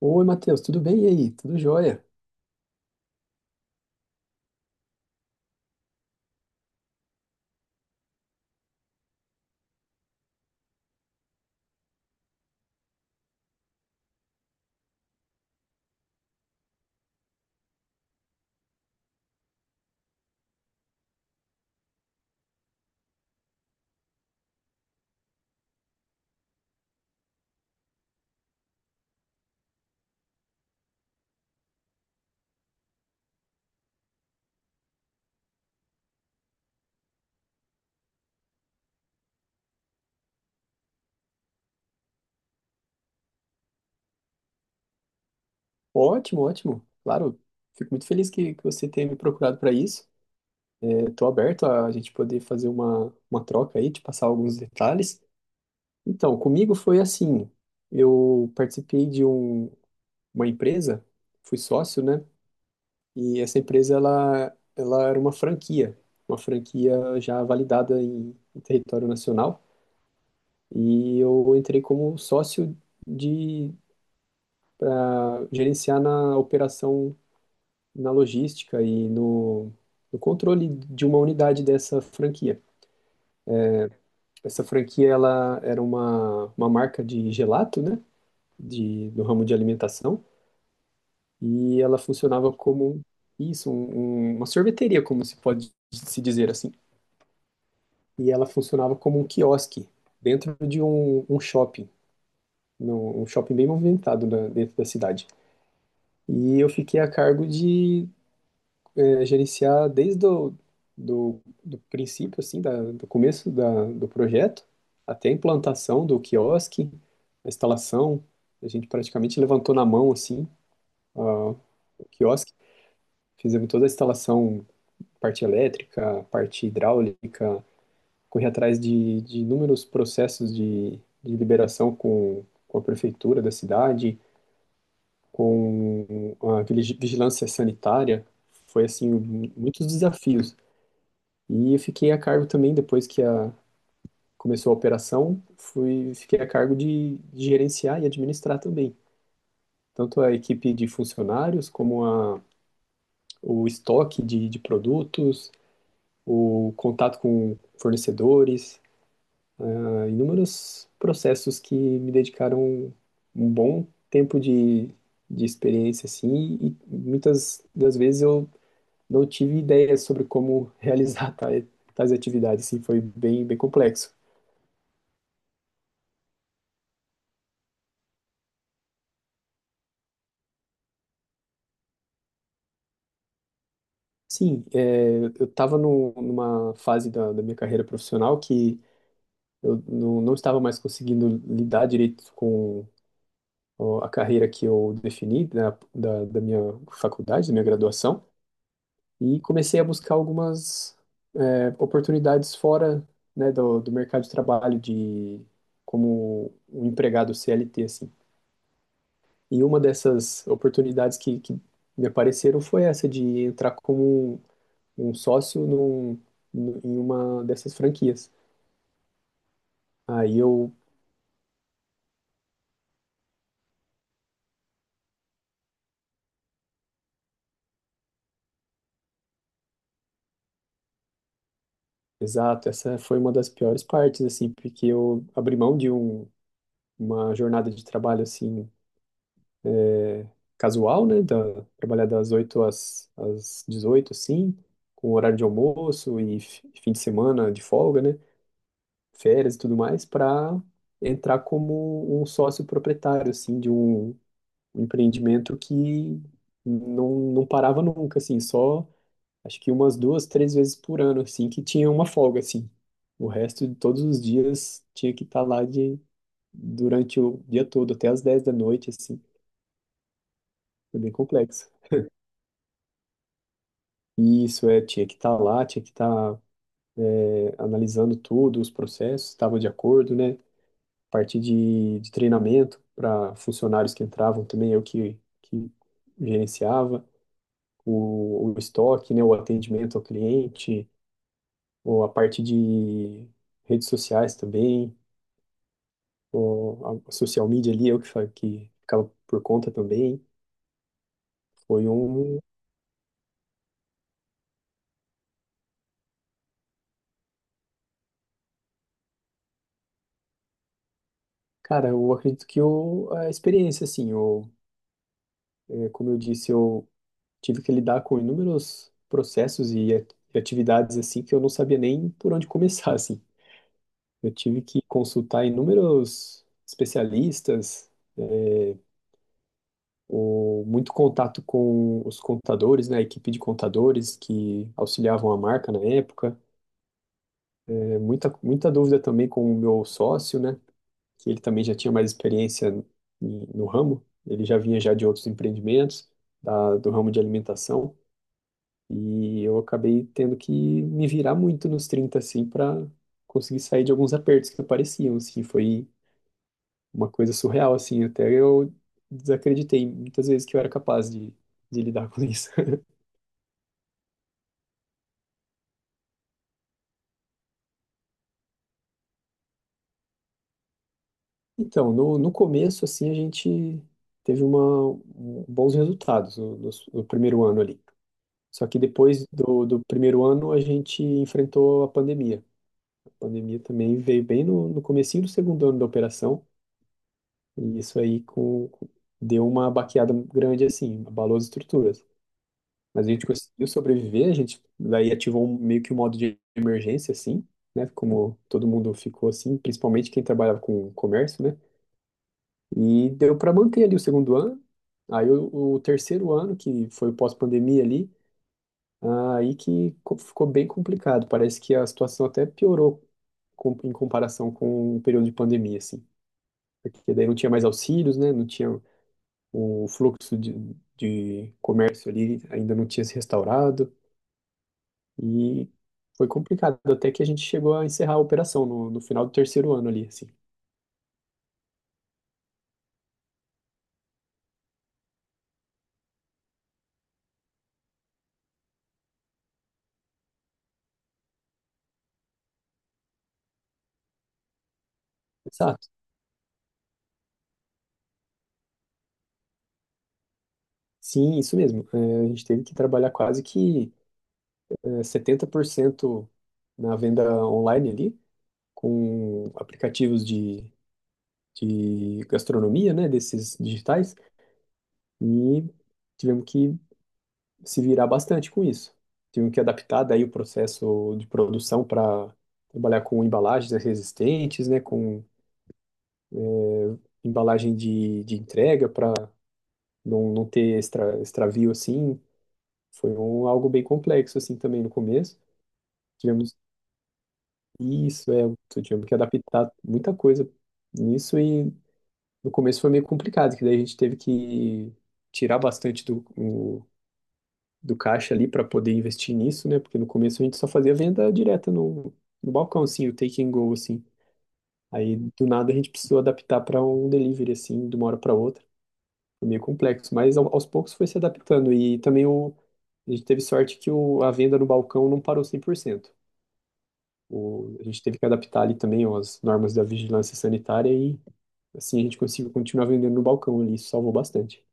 Oi, Matheus, tudo bem? E aí? Tudo jóia? Ótimo, ótimo. Claro, fico muito feliz que você tenha me procurado para isso. Estou aberto a gente poder fazer uma troca aí, te passar alguns detalhes. Então, comigo foi assim: eu participei de uma empresa, fui sócio, né? E essa empresa ela era uma franquia já validada em território nacional. E eu entrei como sócio de gerenciar na operação na logística e no controle de uma unidade dessa franquia. Essa franquia ela era uma marca de gelato, né? Do ramo de alimentação, e ela funcionava como isso, uma sorveteria, como se pode se dizer assim. E ela funcionava como um quiosque dentro de um shopping, um shopping bem movimentado dentro da cidade. E eu fiquei a cargo de gerenciar desde o do princípio, assim, do começo do projeto até a implantação do quiosque, a instalação. A gente praticamente levantou na mão, assim, ah, o quiosque. Fizemos toda a instalação, parte elétrica, parte hidráulica, corri atrás de inúmeros processos de liberação com a prefeitura da cidade, com a vigilância sanitária. Foi, assim, muitos desafios. E eu fiquei a cargo também, depois que a, começou a operação, fui, fiquei a cargo de gerenciar e administrar também, tanto a equipe de funcionários, como a, o estoque de produtos, o contato com fornecedores, inúmeros processos que me dedicaram um bom tempo de experiência, assim, e muitas das vezes eu não tive ideia sobre como realizar tais, tais atividades, assim, foi bem, bem complexo. Sim, é, eu estava numa fase da minha carreira profissional que eu não estava mais conseguindo lidar direito com a carreira que eu defini da minha faculdade, da minha graduação, e comecei a buscar algumas oportunidades fora, né, do mercado de trabalho, de como um empregado CLT, assim. E uma dessas oportunidades que me apareceram foi essa de entrar como um sócio num, em uma dessas franquias. Aí eu, exato, essa foi uma das piores partes, assim, porque eu abri mão de uma jornada de trabalho, assim, casual, né, da, trabalhar das 8 às 18 assim, com horário de almoço e fim de semana de folga, né, férias e tudo mais, para entrar como um sócio proprietário, assim, de um empreendimento que não parava nunca, assim, só acho que umas duas, três vezes por ano, assim, que tinha uma folga, assim. O resto de todos os dias tinha que estar lá de, durante o dia todo, até as 10 da noite, assim. Foi bem complexo. E isso, é, tinha que estar lá, tinha que estar é, analisando tudo, os processos, estava de acordo, né? Parte de treinamento para funcionários que entravam também, eu que gerenciava. O estoque, né? O atendimento ao cliente, ou a parte de redes sociais também, a social media ali, eu que, que ficava por conta também, foi um, cara, eu acredito que eu, a experiência, assim, eu, é, como eu disse, eu tive que lidar com inúmeros processos e e atividades, assim, que eu não sabia nem por onde começar, assim. Eu tive que consultar inúmeros especialistas, o, muito contato com os contadores, né, a equipe de contadores que auxiliavam a marca na época, é, muita, muita dúvida também com o meu sócio, né, que ele também já tinha mais experiência no ramo, ele já vinha já de outros empreendimentos, do ramo de alimentação, e eu acabei tendo que me virar muito nos 30 assim, para conseguir sair de alguns apertos que apareciam, assim, foi uma coisa surreal, assim, até eu desacreditei muitas vezes que eu era capaz de lidar com isso. Então, no começo, assim, a gente teve uma, bons resultados no primeiro ano ali. Só que depois do primeiro ano a gente enfrentou a pandemia. A pandemia também veio bem no comecinho do segundo ano da operação, e isso aí deu uma baqueada grande assim, abalou as estruturas. Mas a gente conseguiu sobreviver, a gente daí ativou meio que um modo de emergência assim, né? Como todo mundo ficou assim, principalmente quem trabalhava com comércio, né? E deu para manter ali o segundo ano. Aí o terceiro ano, que foi o pós-pandemia ali, aí que ficou bem complicado. Parece que a situação até piorou em comparação com o período de pandemia, assim. Porque daí não tinha mais auxílios, né? Não tinha o fluxo de comércio ali, ainda não tinha se restaurado. E foi complicado, até que a gente chegou a encerrar a operação no final do terceiro ano ali, assim. Exato. Sim, isso mesmo. É, a gente teve que trabalhar quase que é, 70% na venda online ali, com aplicativos de gastronomia, né, desses digitais, e tivemos que se virar bastante com isso. Tivemos que adaptar daí o processo de produção para trabalhar com embalagens resistentes, né, com embalagem de entrega para não ter extra, extravio assim. Foi um, algo bem complexo assim também no começo. Tivemos isso, é, tivemos que adaptar muita coisa nisso e no começo foi meio complicado, que daí a gente teve que tirar bastante do, do caixa ali para poder investir nisso, né? Porque no começo a gente só fazia venda direta no, no balcão, assim, o take and go, assim. Aí do nada a gente precisou adaptar para um delivery, assim, de uma hora para outra. Foi meio complexo, mas aos poucos foi se adaptando. E também o, a gente teve sorte que o, a venda no balcão não parou 100%. O, a gente teve que adaptar ali também as normas da vigilância sanitária e assim a gente conseguiu continuar vendendo no balcão ali, isso salvou bastante.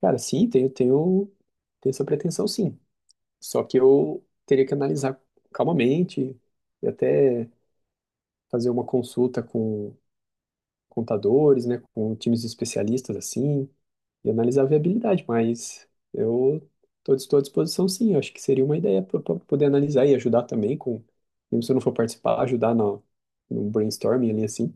Cara, sim, tenho, tenho, tenho essa pretensão, sim. Só que eu teria que analisar calmamente e até fazer uma consulta com contadores, né, com times de especialistas assim, e analisar a viabilidade, mas eu estou à disposição sim, eu acho que seria uma ideia para poder analisar e ajudar também com, mesmo se eu não for participar, ajudar no, no brainstorming ali assim.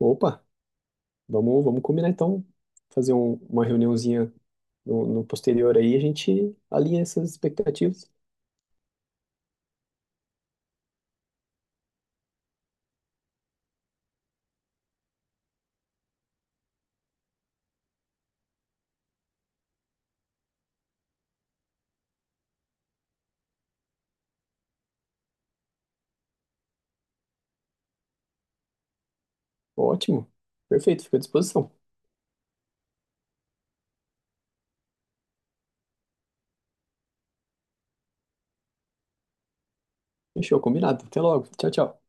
Opa, vamos, vamos combinar então, fazer uma reuniãozinha no posterior aí, a gente alinha essas expectativas. Ótimo, perfeito, fico à disposição. Fechou, combinado. Até logo. Tchau, tchau.